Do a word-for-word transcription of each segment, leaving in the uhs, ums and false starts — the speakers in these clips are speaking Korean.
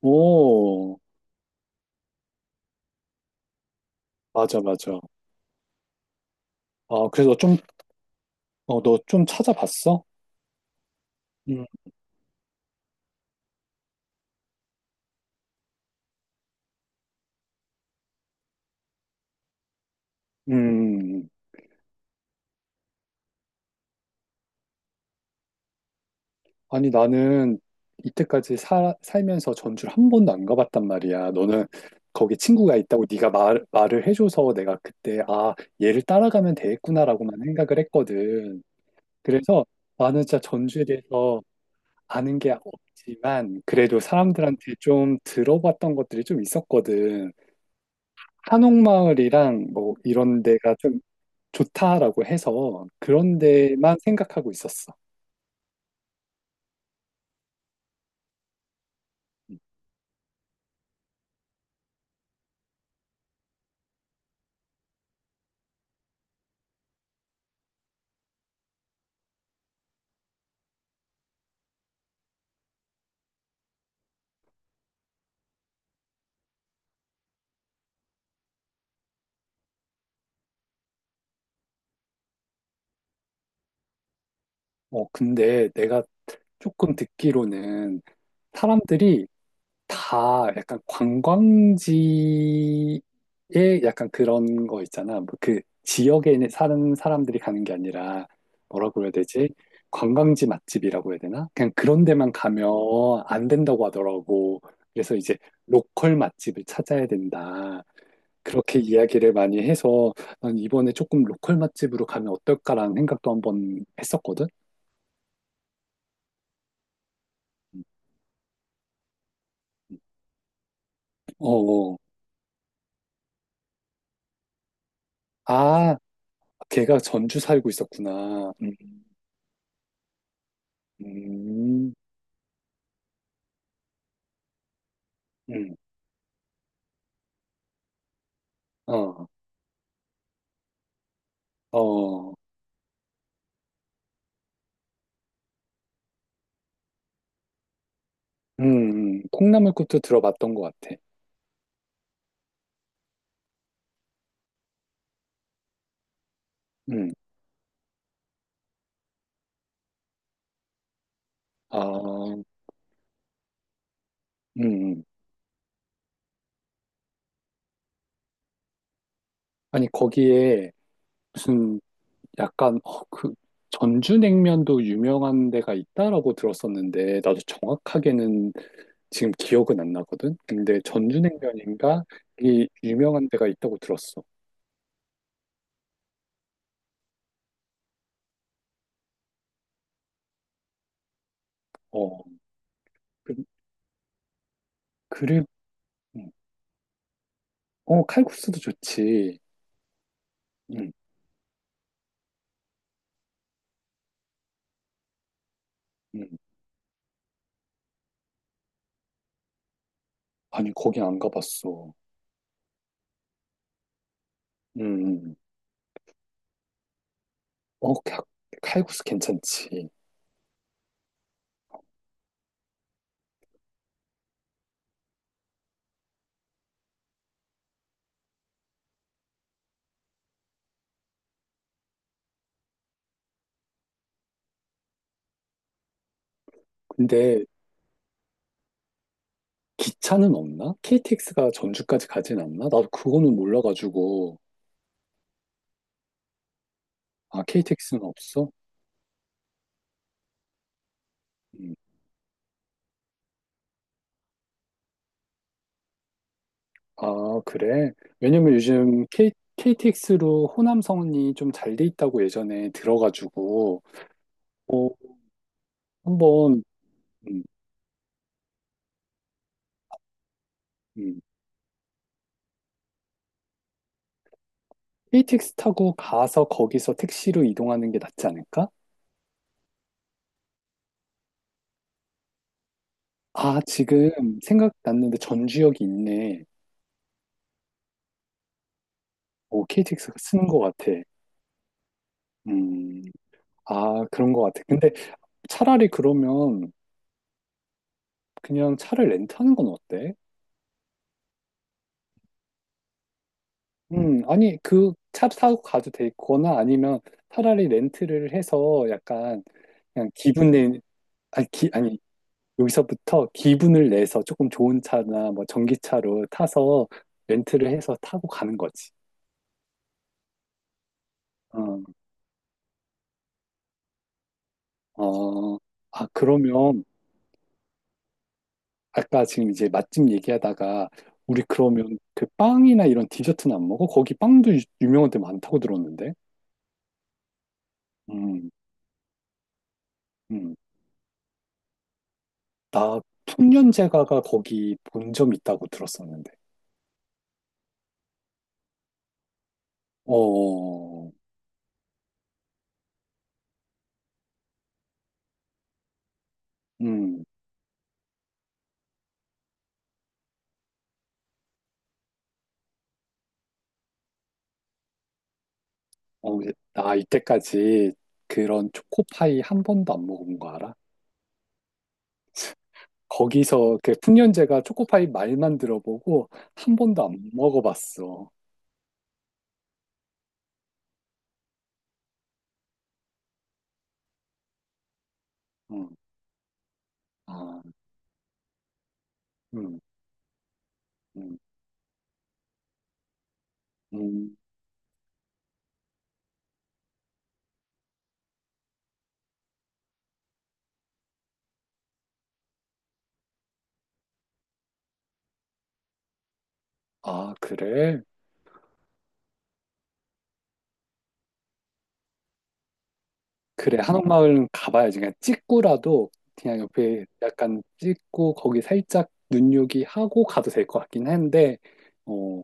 오, 맞아, 맞아. 아, 그래서 좀, 어, 너 좀 찾아봤어? 음, 음. 아니, 나는 이때까지 사, 살면서 전주를 한 번도 안 가봤단 말이야. 너는 거기 친구가 있다고 네가 말, 말을 해줘서 내가 그때, 아, 얘를 따라가면 되겠구나라고만 생각을 했거든. 그래서 나는 진짜 전주에 대해서 아는 게 없지만, 그래도 사람들한테 좀 들어봤던 것들이 좀 있었거든. 한옥마을이랑 뭐 이런 데가 좀 좋다라고 해서 그런 데만 생각하고 있었어. 어, 근데 내가 조금 듣기로는 사람들이 다 약간 관광지에 약간 그런 거 있잖아. 뭐 그 지역에 있는 사는 사람들이 가는 게 아니라 뭐라고 해야 되지? 관광지 맛집이라고 해야 되나? 그냥 그런 데만 가면 안 된다고 하더라고. 그래서 이제 로컬 맛집을 찾아야 된다. 그렇게 이야기를 많이 해서 난 이번에 조금 로컬 맛집으로 가면 어떨까라는 생각도 한번 했었거든. 어, 어. 아, 걔가 전주 살고 있었구나. 음. 음, 음, 어, 어, 음, 음. 콩나물국도 들어봤던 것 같아. 음, 아, 음, 음. 아니, 거기에 무슨 약간, 어, 그, 전주냉면도 유명한 데가 있다라고 들었었는데, 나도 정확하게는 지금 기억은 안 나거든? 근데 전주냉면인가? 이 유명한 데가 있다고 들었어. 어, 그, 그리고, 음. 어, 칼국수도 좋지. 음, 음. 아니, 거기 안 가봤어. 음. 음. 어, 카- 칼국수 괜찮지. 근데 기차는 없나? 케이티엑스가 전주까지 가진 않나? 나도 그거는 몰라가지고. 아, 케이티엑스는 없어? 음. 아, 그래? 왜냐면 요즘 K, 케이티엑스로 호남선이 좀 잘 돼 있다고 예전에 들어가지고 한번 음, 음. 케이티엑스 타고 가서 거기서 택시로 이동하는 게 낫지 않을까? 아, 지금 생각났는데 전주역이 있네. 오, 케이티엑스가 쓰는 것 같아. 음, 아, 그런 것 같아. 근데 차라리 그러면 그냥 차를 렌트하는 건 어때? 음, 아니, 그 차 사고 가도 되거나 아니면 차라리 렌트를 해서 약간 그냥 기분 내, 아니, 기, 아니, 여기서부터 기분을 내서 조금 좋은 차나 뭐 전기차로 타서 렌트를 해서 타고 가는 거지. 어, 어, 아, 그러면 아까 지금 이제 맛집 얘기하다가 우리 그러면 그 빵이나 이런 디저트는 안 먹어? 거기 빵도 유- 유명한 데 많다고 들었는데. 음, 음. 나 풍년제과가 거기 본점 있다고 들었었는데. 어, 음, 어, 근데 나 이때까지 그런 초코파이 한 번도 안 먹어본 거 알아? 거기서 그 풍년제가 초코파이 말만 들어보고 한 번도 안 먹어봤어. 응, 아, 음, 음, 음. 아, 그래? 그래, 한옥마을은 가봐야지. 그냥 찍고라도 그냥 옆에 약간 찍고 거기 살짝 눈요기 하고 가도 될 것 같긴 한데, 어,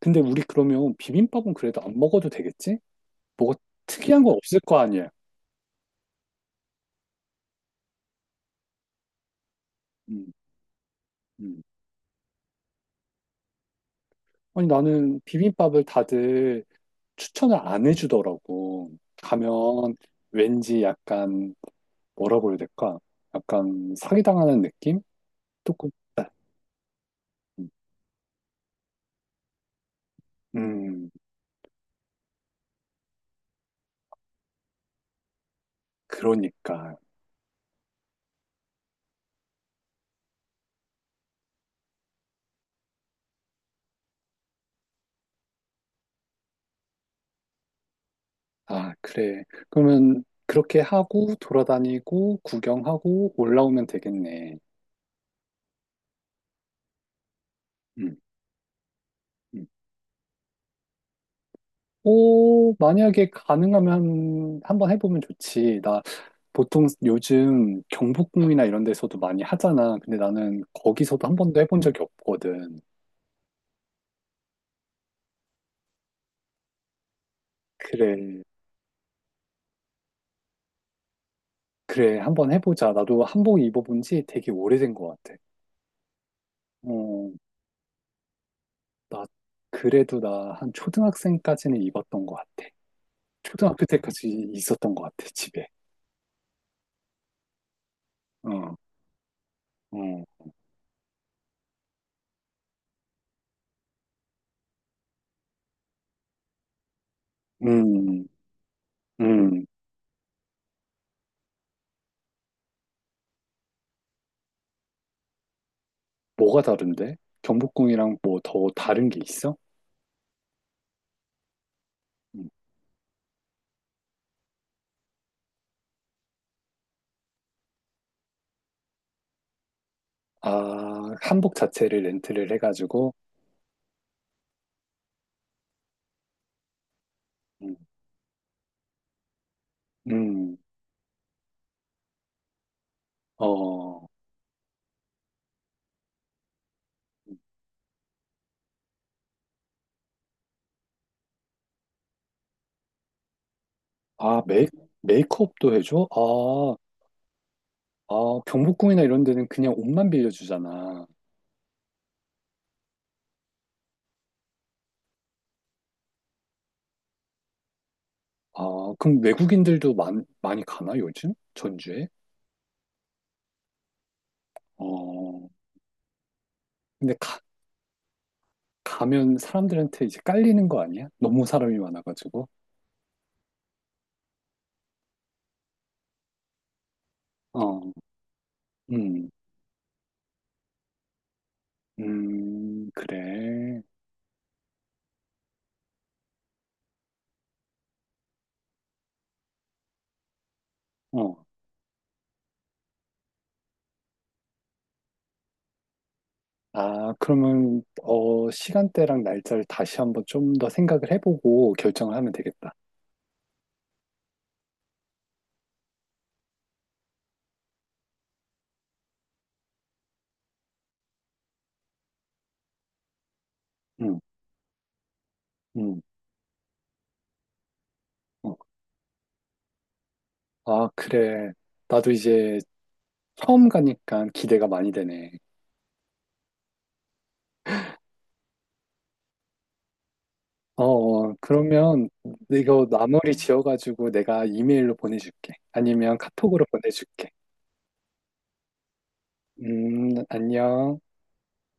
근데 우리 그러면 비빔밥은 그래도 안 먹어도 되겠지? 뭐가 특이한 건 없을 거 아니야. 음, 음. 아니, 나는 비빔밥을 다들 추천을 안 해주더라고. 가면 왠지 약간 뭐라고 해야 될까? 약간 사기당하는 느낌? 조금, 있다. 음, 음, 그러니까. 아, 그래. 그러면 그렇게 하고 돌아다니고 구경하고 올라오면 되겠네. 음, 음. 오, 만약에 가능하면 한번 해보면 좋지. 나 보통 요즘 경복궁이나 이런 데서도 많이 하잖아. 근데 나는 거기서도 한 번도 해본 적이 없거든. 그래, 그래, 한번 해보자. 나도 한복 입어본 지 되게 오래된 것 같아. 어, 나, 그래도 나 한 초등학생까지는 입었던 것 같아. 초등학교 때까지 있었던 것 같아, 집에. 어, 어, 음, 음. 뭐가 다른데? 경복궁이랑 뭐 더 다른 게 있어? 음. 아, 한복 자체를 렌트를 해가지고, 음, 음, 어, 아, 메이, 메이크업도 해줘? 아, 아, 경복궁이나 이런 데는 그냥 옷만 빌려주잖아. 아, 그럼 외국인들도 많, 많이 가나, 요즘? 전주에? 어, 근데 가, 가면 사람들한테 이제 깔리는 거 아니야? 너무 사람이 많아가지고. 어, 음, 음, 그래. 어, 아, 그러면, 어, 시간대랑 날짜를 다시 한번 좀 더 생각을 해보고 결정을 하면 되겠다. 응, 응. 어. 아, 그래. 나도 이제 처음 가니까 기대가 많이 되네. 어, 어, 그러면 이거 나머리 지어가지고 내가 이메일로 보내줄게. 아니면 카톡으로 보내줄게. 음, 안녕.